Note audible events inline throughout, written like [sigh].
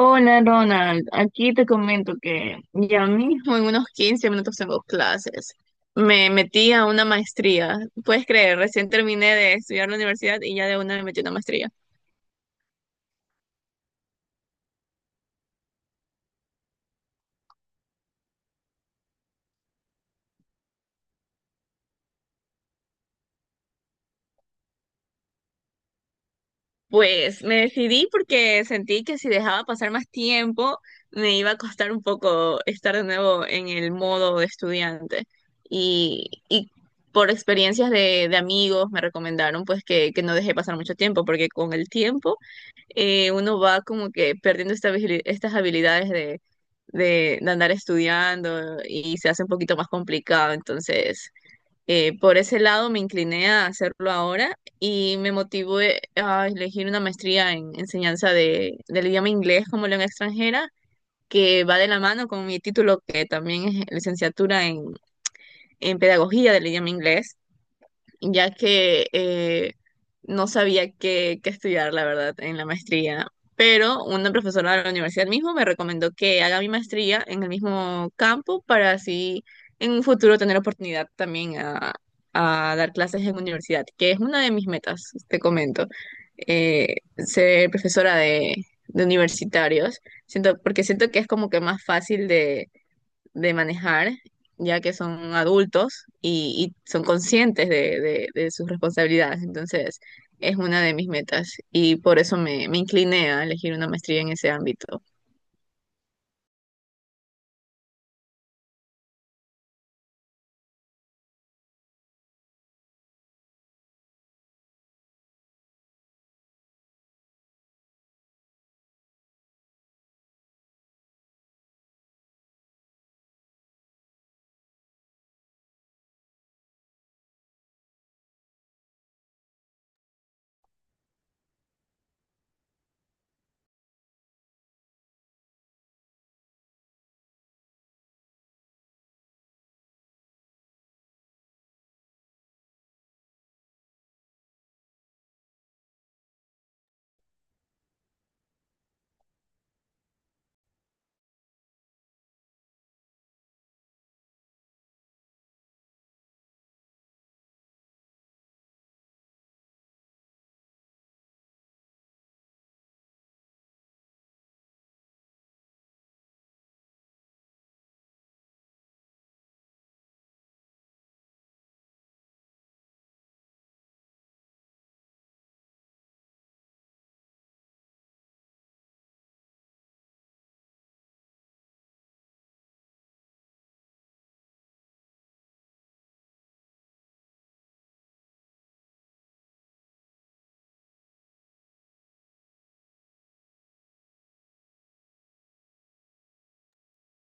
Hola Ronald, aquí te comento que ya mismo en unos 15 minutos tengo clases. Me metí a una maestría. Puedes creer, recién terminé de estudiar la universidad y ya de una me metí a una maestría. Pues me decidí porque sentí que si dejaba pasar más tiempo me iba a costar un poco estar de nuevo en el modo de estudiante. Y por experiencias de amigos me recomendaron pues que no dejé pasar mucho tiempo porque con el tiempo uno va como que perdiendo estas habilidades de, de andar estudiando y se hace un poquito más complicado. Por ese lado me incliné a hacerlo ahora y me motivé a elegir una maestría en enseñanza de, del idioma inglés como lengua extranjera, que va de la mano con mi título, que también es licenciatura en pedagogía del idioma inglés ya que no sabía qué, qué estudiar, la verdad, en la maestría. Pero una profesora de la universidad mismo me recomendó que haga mi maestría en el mismo campo para así en un futuro tener oportunidad también a dar clases en universidad, que es una de mis metas, te comento. Ser profesora de universitarios, siento, porque siento que es como que más fácil de manejar, ya que son adultos y son conscientes de, de sus responsabilidades. Entonces, es una de mis metas y por eso me, me incliné a elegir una maestría en ese ámbito.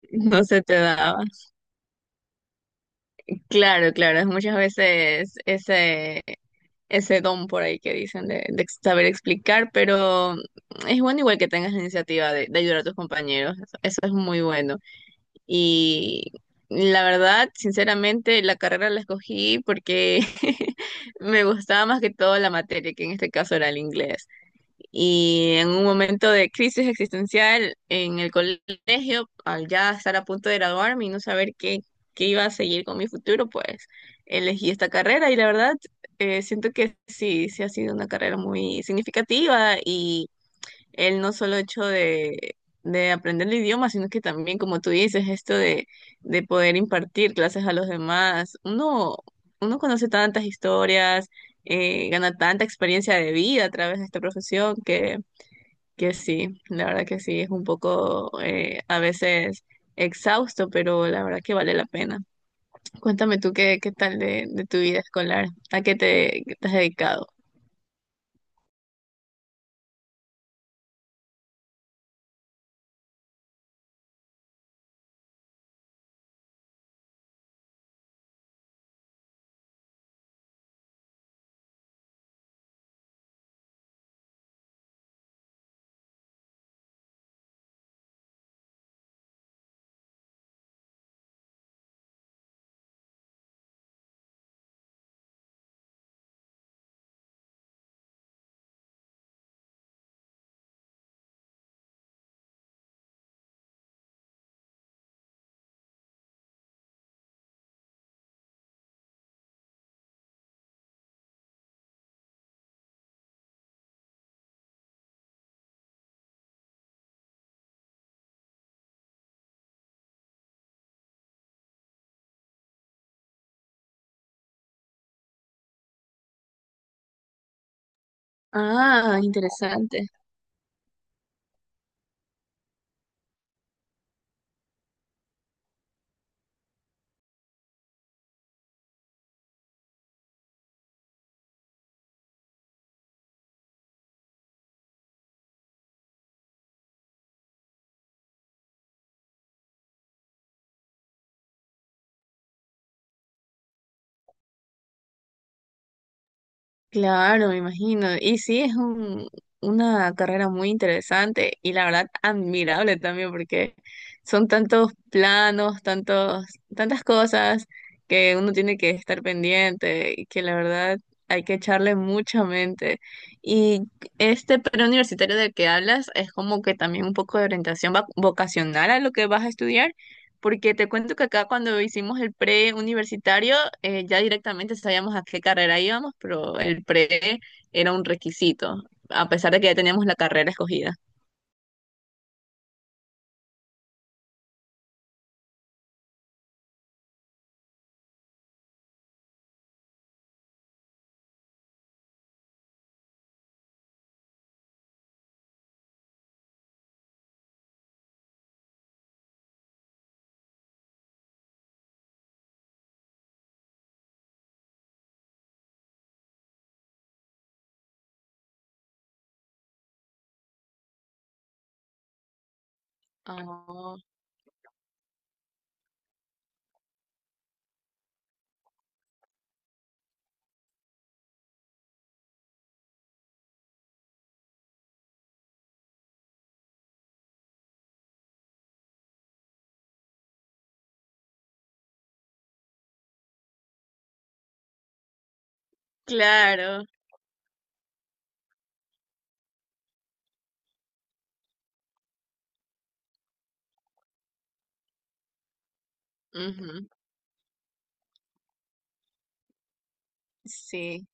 [laughs] No se te daba. Claro, claro, es muchas veces ese, ese don por ahí que dicen de saber explicar, pero es bueno igual que tengas la iniciativa de ayudar a tus compañeros. Eso es muy bueno. Y la verdad, sinceramente, la carrera la escogí porque [laughs] me gustaba más que todo la materia, que en este caso era el inglés. Y en un momento de crisis existencial en el colegio, al ya estar a punto de graduarme y no saber qué, qué iba a seguir con mi futuro, pues elegí esta carrera y la verdad, siento que sí, sí ha sido una carrera muy significativa y el no solo hecho de aprender el idioma, sino que también, como tú dices, esto de poder impartir clases a los demás. Uno conoce tantas historias, gana tanta experiencia de vida a través de esta profesión que sí, la verdad que sí, es un poco a veces exhausto, pero la verdad que vale la pena. Cuéntame tú qué, qué tal de tu vida escolar, a qué te has dedicado. Ah, interesante. Claro, me imagino. Y sí, es un, una carrera muy interesante y la verdad admirable también porque son tantos planos, tantos, tantas cosas que uno tiene que estar pendiente y que la verdad hay que echarle mucha mente. Y este preuniversitario del que hablas es como que también un poco de orientación vocacional a lo que vas a estudiar. Porque te cuento que acá cuando hicimos el pre universitario, ya directamente sabíamos a qué carrera íbamos, pero el pre era un requisito, a pesar de que ya teníamos la carrera escogida. Oh, claro. Ujú. Sí.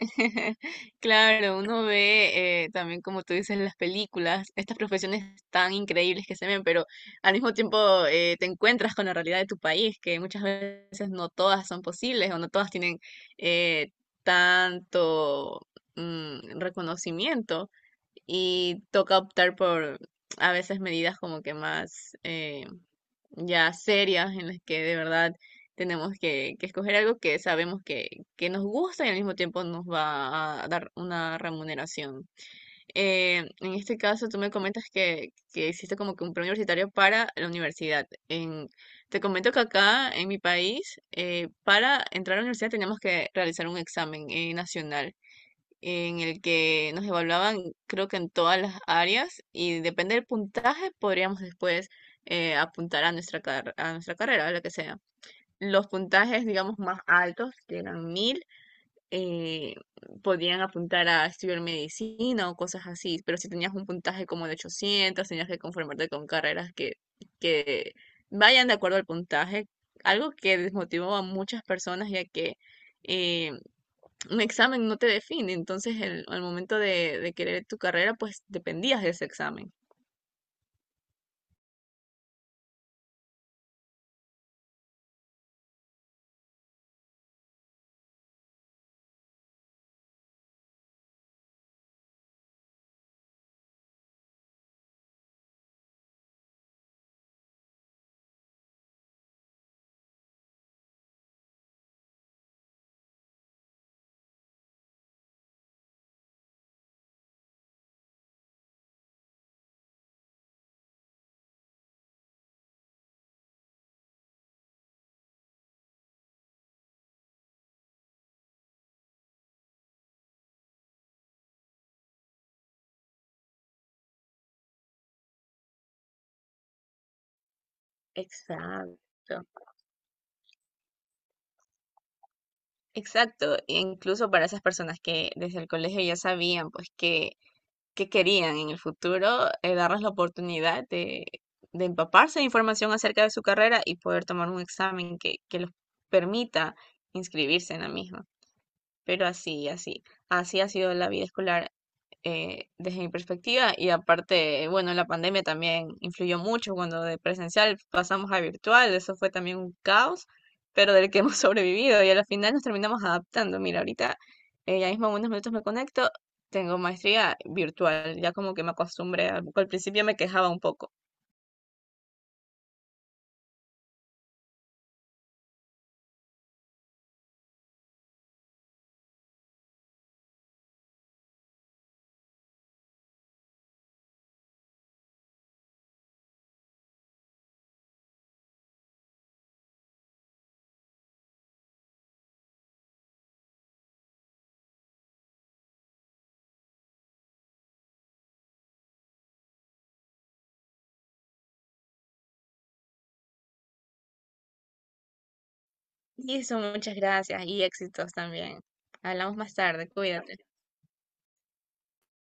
[laughs] Claro, uno ve también, como tú dices, las películas, estas profesiones tan increíbles que se ven, pero al mismo tiempo te encuentras con la realidad de tu país, que muchas veces no todas son posibles o no todas tienen eh, tanto reconocimiento y toca optar por a veces medidas como que más, ya serias en las que de verdad tenemos que escoger algo que sabemos que nos gusta y al mismo tiempo nos va a dar una remuneración. En este caso, tú me comentas que hiciste como que un preuniversitario para la universidad. Te comento que acá en mi país, para entrar a la universidad tenemos que realizar un examen nacional en el que nos evaluaban, creo que en todas las áreas, y depende del puntaje, podríamos después apuntar a nuestra, a nuestra carrera, a la que sea. Los puntajes, digamos, más altos, que eran 1000, eh, podían apuntar a estudiar medicina o cosas así, pero si tenías un puntaje como de 800 tenías que conformarte con carreras que vayan de acuerdo al puntaje, algo que desmotivó a muchas personas, ya que... eh, un examen no te define, entonces al momento de querer tu carrera, pues dependías de ese examen. Exacto. Exacto. E incluso para esas personas que desde el colegio ya sabían pues que querían en el futuro, darles la oportunidad de empaparse de información acerca de su carrera y poder tomar un examen que los permita inscribirse en la misma. Pero así, así, así ha sido la vida escolar desde mi perspectiva y aparte, bueno, la pandemia también influyó mucho cuando de presencial pasamos a virtual, eso fue también un caos, pero del que hemos [laughs] sobrevivido y al final nos terminamos adaptando. Mira, ahorita ya mismo en unos minutos me conecto, tengo maestría virtual, ya como que me acostumbré, al principio me quejaba un poco. Y eso, muchas gracias y éxitos también. Hablamos más tarde, cuídate.